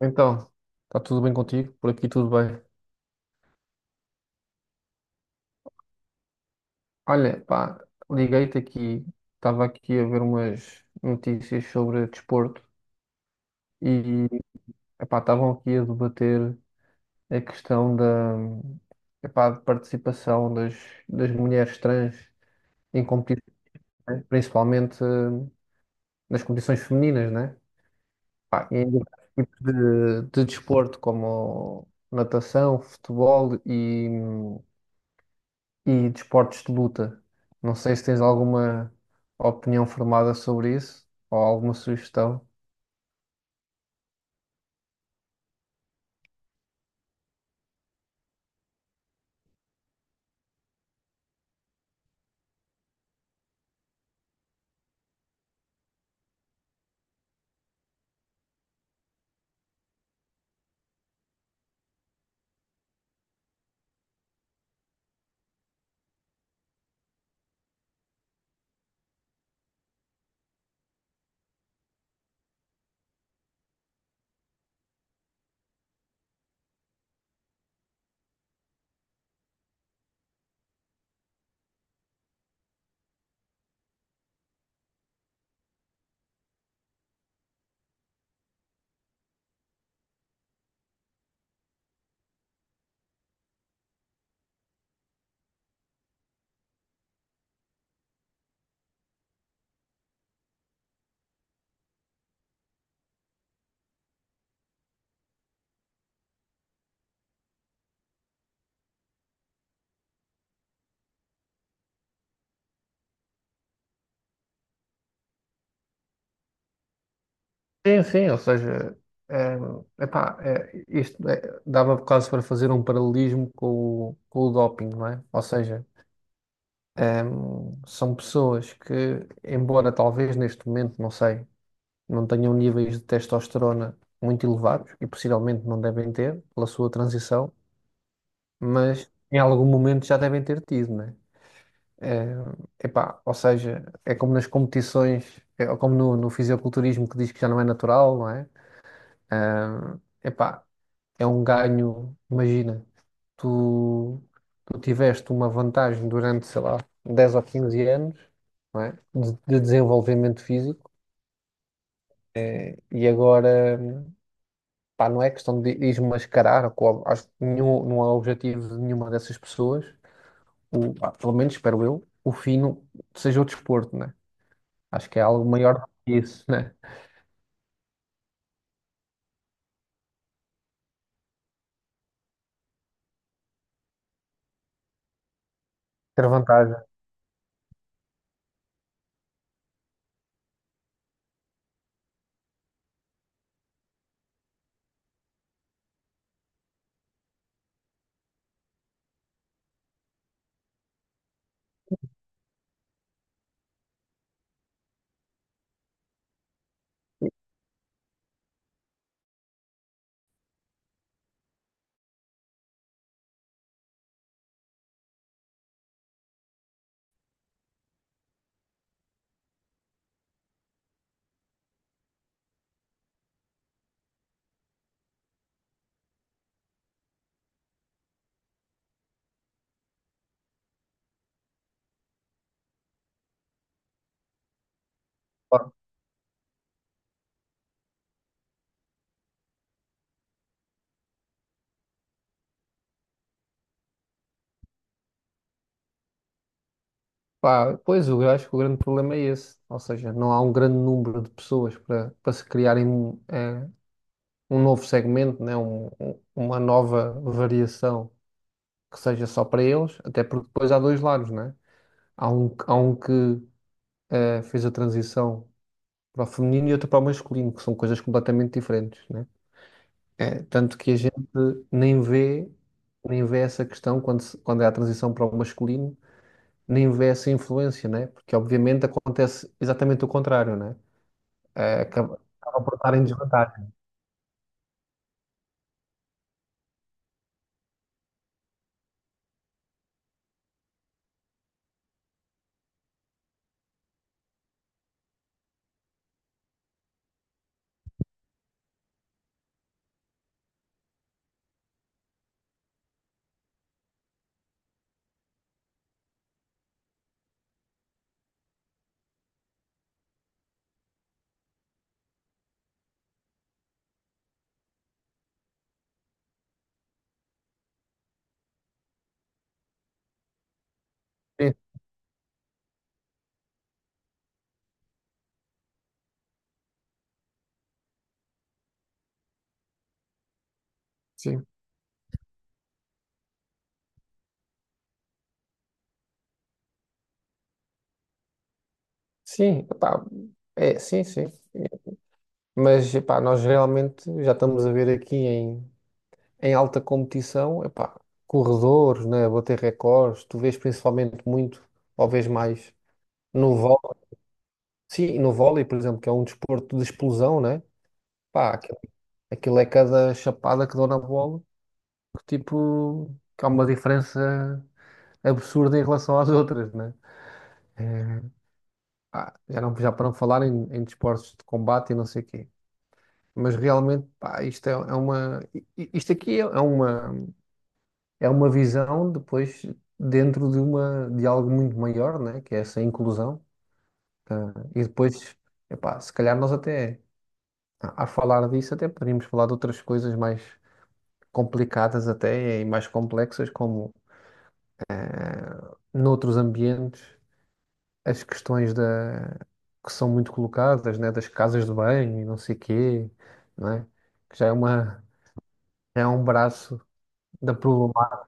Então, está tudo bem contigo? Por aqui tudo bem. Olha, pá, liguei-te aqui, estava aqui a ver umas notícias sobre desporto e, epá, estavam aqui a debater a epá, de participação das mulheres trans em competições, né? Principalmente nas competições femininas, né? Pá, e em diversos tipos de desporto, como natação, futebol e desportos de luta. Não sei se tens alguma opinião formada sobre isso ou alguma sugestão. Sim, sim, ou seja, eh, isto dava quase para fazer um paralelismo com com o doping, não é? Ou seja, são pessoas que, embora talvez neste momento, não sei, não tenham níveis de testosterona muito elevados e possivelmente não devem ter pela sua transição, mas em algum momento já devem ter tido, né? Eh, ou seja, é como nas competições, é como no fisiculturismo que diz que já não é natural, não é? Ah, Epá, é um ganho, imagina, tu, tu tiveste uma vantagem durante, sei lá, 10 ou 15 anos, não é? De desenvolvimento físico e agora, pá, não é questão de desmascarar, acho que nenhum, não é objetivo de nenhuma dessas pessoas, pá, pelo menos espero eu, o fim não- seja o desporto, né? Acho que é algo maior do que isso, né? Ter vantagem. Claro. Pá, pois, eu acho que o grande problema é esse. Ou seja, não há um grande número de pessoas para se criarem um novo segmento, né? Uma nova variação que seja só para eles, até porque depois há dois lados, né? Há um que fez a transição para o feminino e outro para o masculino, que são coisas completamente diferentes, né? É, tanto que a gente nem vê, nem vê essa questão quando, se- quando é a transição para o masculino nem vê essa influência, né? Porque obviamente acontece exatamente o contrário, né? Eh, acaba por estar em desvantagem. Sim, sim. Sim, epá, é, sim, sim. Mas epá, nós realmente já estamos a ver aqui em, em alta competição, epá, corredores, né? Bater recordes, tu vês principalmente muito, ou vês mais no vôlei. Sim, no vôlei, por exemplo, que é um desporto de explosão, né? Pá, aquilo é cada chapada que dou na bola, que tipo, que há uma diferença absurda em relação às outras, né? É, pá, já não, já para não falar em desportos de combate e não sei o quê. Mas realmente, pá, isto aqui é uma, é uma visão depois dentro de uma, de algo muito maior, né? Que é essa inclusão. Tá? E depois, epá, se calhar nós até, a falar disso, até poderíamos falar de outras coisas mais complicadas até e mais complexas, como noutros ambientes as questões que são muito colocadas, né, das casas de banho e não sei quê, não é? Que já é uma, é um braço da problemática.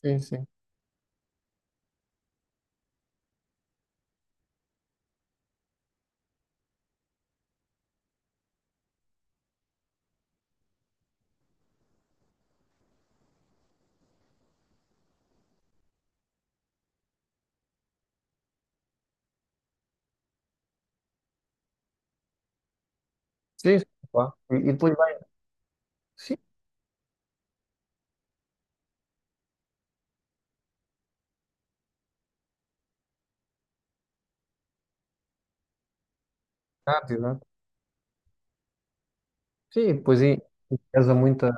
Sim, sim. Sim, sim, claro. E depois vai. Sim, exato, exato. Sim, pois enviesa muita,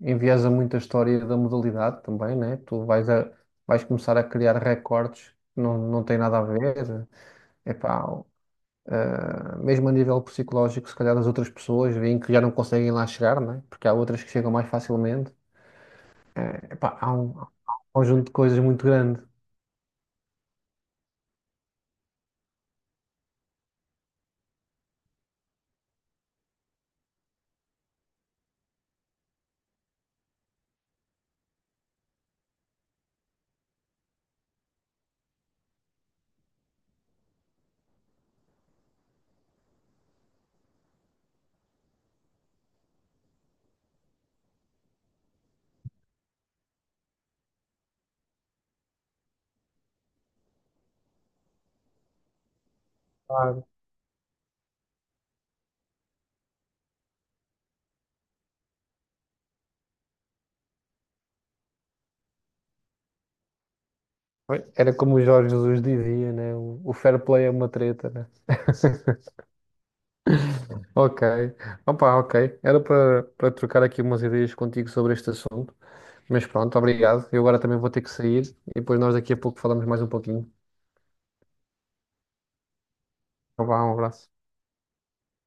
enviesa muita história da modalidade também, né? Vais começar a criar recordes que não, não tem nada a ver. Epá, mesmo a nível psicológico, se calhar as outras pessoas veem que já não conseguem lá chegar, né? Porque há outras que chegam mais facilmente. Epá, há um conjunto de coisas muito grande. Claro. Era como o Jorge Jesus dizia, né? O fair play é uma treta, né? Ok. Opa, ok. Era para trocar aqui umas ideias contigo sobre este assunto. Mas pronto, obrigado. Eu agora também vou ter que sair e depois nós daqui a pouco falamos mais um pouquinho. Então vá, um abraço.